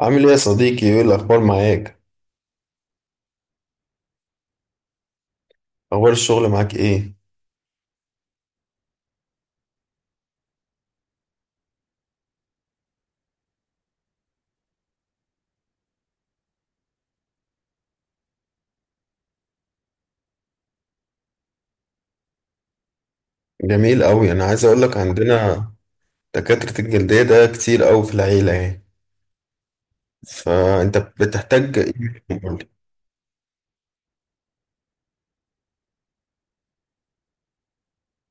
عامل ايه يا صديقي؟ ايه الاخبار معاك؟ اخبار الشغل معاك ايه؟ جميل قوي، انا عايز اقول لك عندنا دكاترة الجلدية ده كتير قوي في العيلة يعني، فانت بتحتاج ايه قول لي.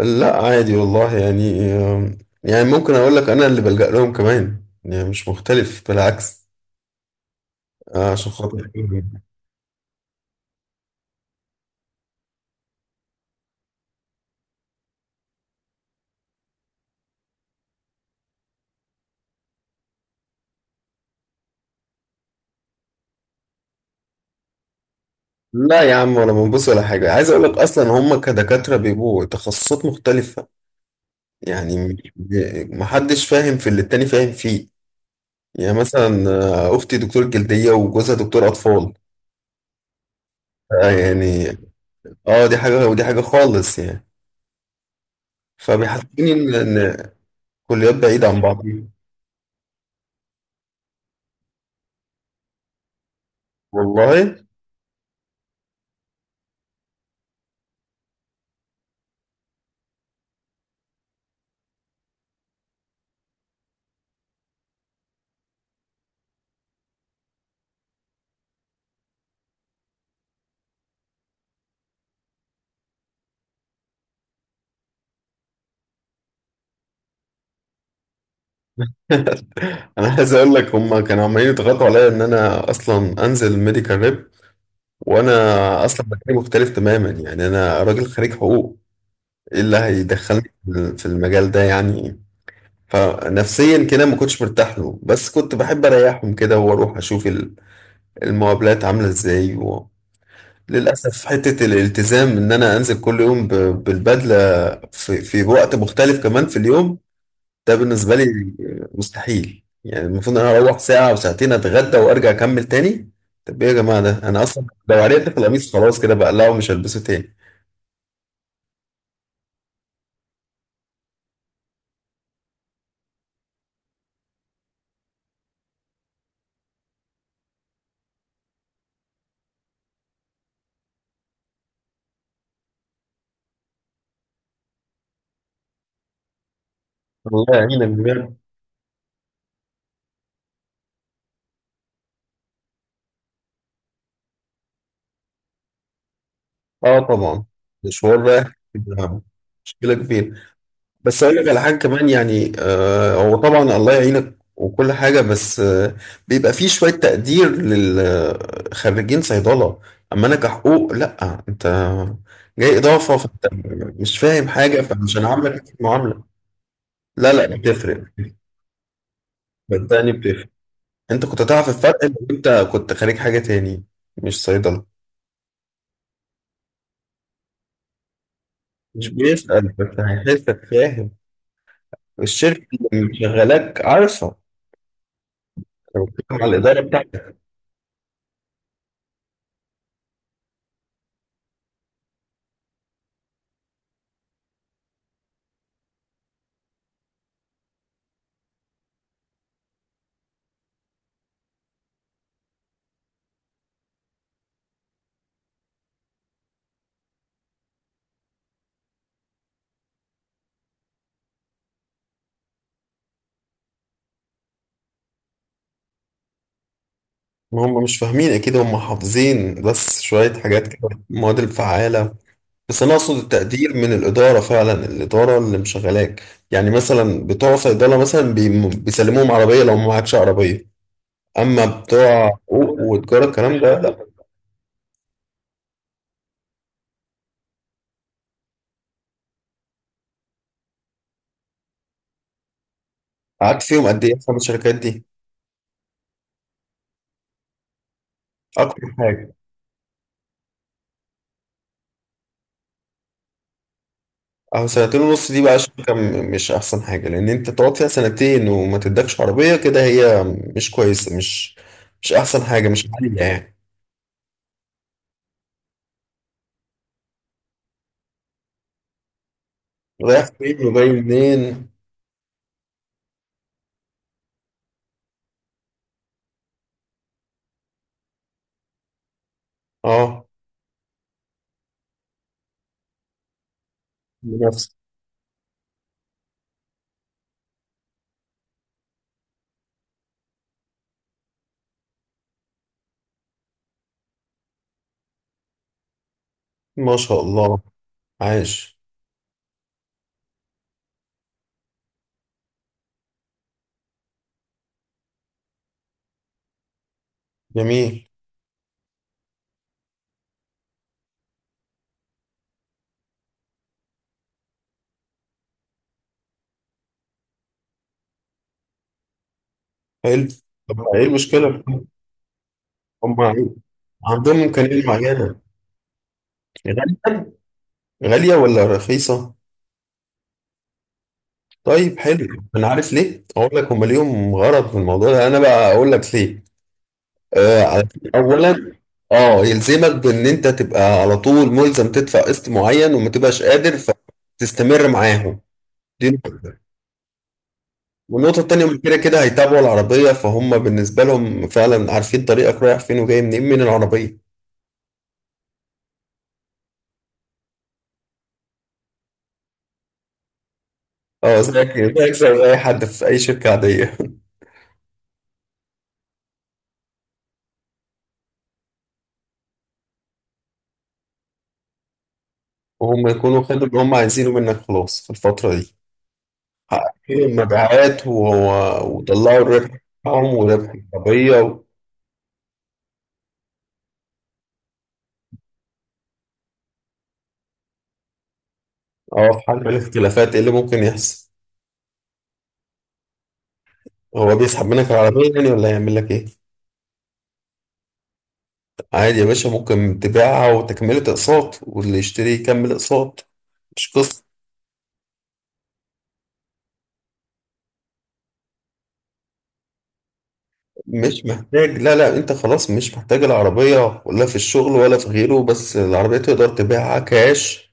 لا عادي والله، يعني يعني ممكن اقول لك انا اللي بلجأ لهم كمان، يعني مش مختلف بالعكس. عشان خاطر لا يا عم، ولا منبوس ولا حاجة. عايز أقول لك أصلا هم كدكاترة بيبقوا تخصصات مختلفة، يعني محدش فاهم في اللي التاني فاهم فيه. يعني مثلا اختي دكتور جلدية وجوزها دكتور اطفال. آه، يعني اه دي حاجة ودي حاجة خالص يعني، فبيحسسوني إن كليات بعيدة عن بعض. والله، انا عايز اقول لك هم كانوا عمالين يضغطوا عليا ان انا اصلا انزل ميديكال ريب، وانا اصلا مجالي مختلف تماما. يعني انا راجل خريج حقوق، ايه اللي هيدخلني في المجال ده يعني؟ فنفسيا كده ما كنتش مرتاح له، بس كنت بحب اريحهم كده واروح اشوف المقابلات عامله ازاي. للأسف حتة الالتزام إن أنا أنزل كل يوم بالبدلة، في وقت مختلف كمان في اليوم، ده بالنسبة لي مستحيل. يعني المفروض إن أنا أروح ساعة وساعتين أتغدى وأرجع أكمل تاني. طب إيه يا جماعة؟ ده أنا أصلا لو عرقت في القميص خلاص كده بقلعه ومش هلبسه تاني. الله يعين الجميع. آه طبعا، مشوار رايح بيبقى مشكلة كبيرة. بس اقول لك على حاجه كمان، يعني هو طبعا الله يعينك وكل حاجه، بس بيبقى فيه شويه تقدير للخريجين صيدله، اما انا كحقوق لا، انت جاي اضافه فانت مش فاهم حاجه فمش هنعاملك معامله. لا لا، بتفرق. صدقني بتفرق. انت كنت تعرف الفرق لو انت كنت خريج حاجه تاني مش صيدله. مش بيسال بس هيحسك فاهم، الشركه اللي مشغلاك عارفه. أنا بتكلم على الاداره بتاعتك. ما هم مش فاهمين اكيد، هم حافظين بس شوية حاجات كده، المواد الفعالة. بس انا اقصد التقدير من الادارة فعلا، الادارة اللي مشغلاك. يعني مثلا بتوع صيدلة مثلا بيسلموهم عربية لو ما معكش عربية، اما بتوع حقوق وتجارة الكلام ده لا. قعدت فيهم قد ايه اصلا الشركات دي؟ اكتر حاجة؟ اهو سنتين ونص دي بقى شركة مش احسن حاجة، لان انت تقعد فيها سنتين وما تدكش عربية. كده هي مش كويسة، مش احسن حاجة، مش عالية يعني. رايح فين وجاي منين. اه، بنفس. ما شاء الله. عاش. جميل. حلو. طب ايه المشكلة؟ هم عندهم إمكانية معينة. غالية؟ غالية ولا رخيصة؟ طيب حلو. أنا عارف ليه، أقول لك. هم ليهم غرض في الموضوع ده، أنا بقى أقول لك ليه. آه، علشان أولا، اه يلزمك بإن أنت تبقى على طول ملزم تدفع قسط معين، وما تبقاش قادر فتستمر معاهم. دي نقطة. والنقطة التانية، هم كده كده هيتابعوا العربية، فهم بالنسبة لهم فعلا عارفين طريقك رايح فين وجاي منين من العربية. اه، زيك زيك زي أي حد في أي شركة عادية. وهم يكونوا خدوا اللي هم عايزينه منك خلاص في الفترة دي. حققوا المبيعات وطلعوا الربح بتاعهم وربح العربية اه، في حل الاختلافات ايه اللي ممكن يحصل؟ هو بيسحب منك العربية يعني، ولا هيعمل لك ايه؟ عادي يا باشا، ممكن تبيعها وتكملة اقساط واللي يشتري يكمل اقساط، مش قصة. مش محتاج، لا لا، انت خلاص مش محتاج العربية ولا في الشغل ولا في غيره، بس العربية تقدر تبيعها كاش،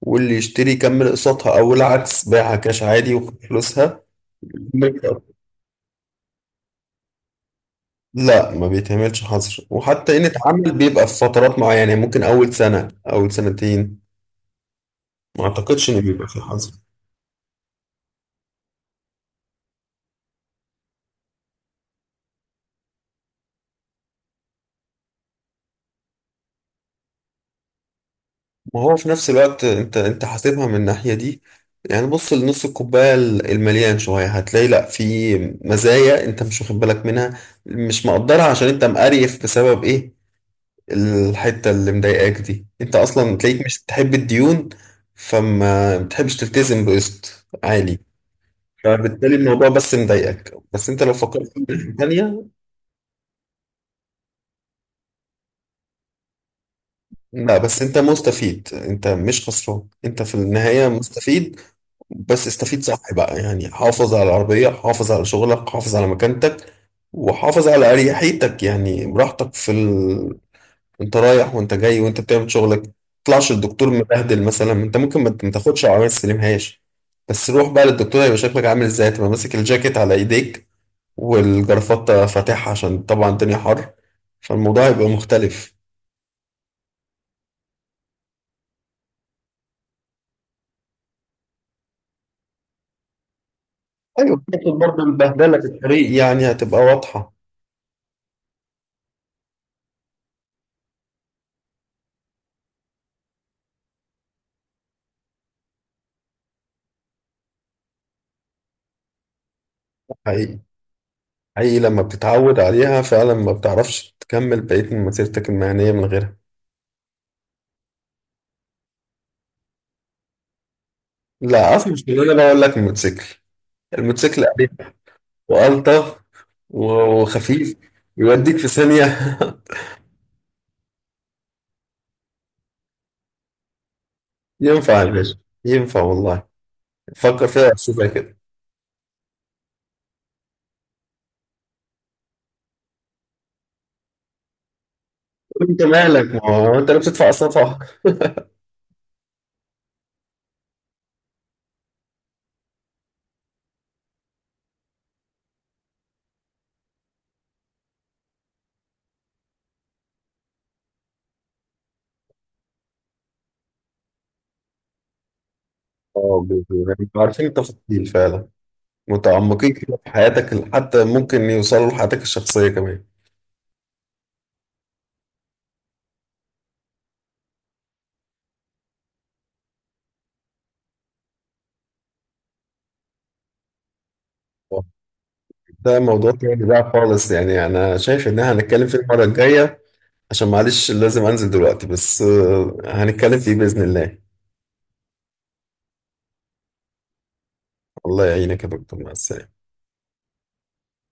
واللي يشتري يكمل قسطها او العكس بيعها كاش عادي وخد فلوسها. لا ما بيتعملش حظر، وحتى ان اتعمل بيبقى في فترات معينة، يعني ممكن اول سنة اول سنتين. ما اعتقدش ان بيبقى في حظر. ما هو في نفس الوقت انت حاسبها من الناحية دي. يعني بص لنص الكوباية المليان شوية، هتلاقي لا، في مزايا انت مش واخد بالك منها، مش مقدرها، عشان انت مقريف بسبب ايه؟ الحتة اللي مضايقاك دي، انت اصلا تلاقيك مش بتحب الديون، فما بتحبش تلتزم بقسط عالي. فبالتالي الموضوع بس مضايقك، بس انت لو فكرت في الناحية التانية. لا، بس انت مستفيد، انت مش خسران، انت في النهاية مستفيد. بس استفيد صح بقى، يعني حافظ على العربية، حافظ على شغلك، حافظ على مكانتك، وحافظ على أريحيتك، يعني براحتك انت رايح وانت جاي وانت بتعمل شغلك، تطلعش الدكتور مبهدل مثلا. انت ممكن ما تاخدش العربية، ما تستلمهاش، بس روح بقى للدكتور، هيبقى شكلك عامل ازاي؟ تبقى ماسك الجاكيت على ايديك والجرافطة فاتحة عشان طبعا الدنيا حر، فالموضوع هيبقى مختلف. ايوه برضه، البهدله في الطريق يعني، هتبقى واضحه. حقيقي، حقيقي لما بتتعود عليها فعلا ما بتعرفش تكمل بقية مسيرتك المهنية من غيرها. لا أصل مش اللي أنا بقول لك، الموتوسيكل. الموتوسيكل أريح وألطف وخفيف، يوديك في ثانية. ينفع يا باشا، ينفع والله. فكر فيها، شوفها كده. انت مالك؟ ما هو انت اللي بتدفع الصفحة. اه، بيبقوا عارفين التفاصيل فعلا، متعمقين كده في حياتك، حتى ممكن يوصلوا لحياتك الشخصية كمان. آه، ده موضوع تاني بقى خالص، يعني انا شايف ان احنا هنتكلم فيه المرة الجاية. عشان معلش لازم انزل دلوقتي، بس هنتكلم فيه بإذن الله. الله يعينك يا دكتور، مع السلامة.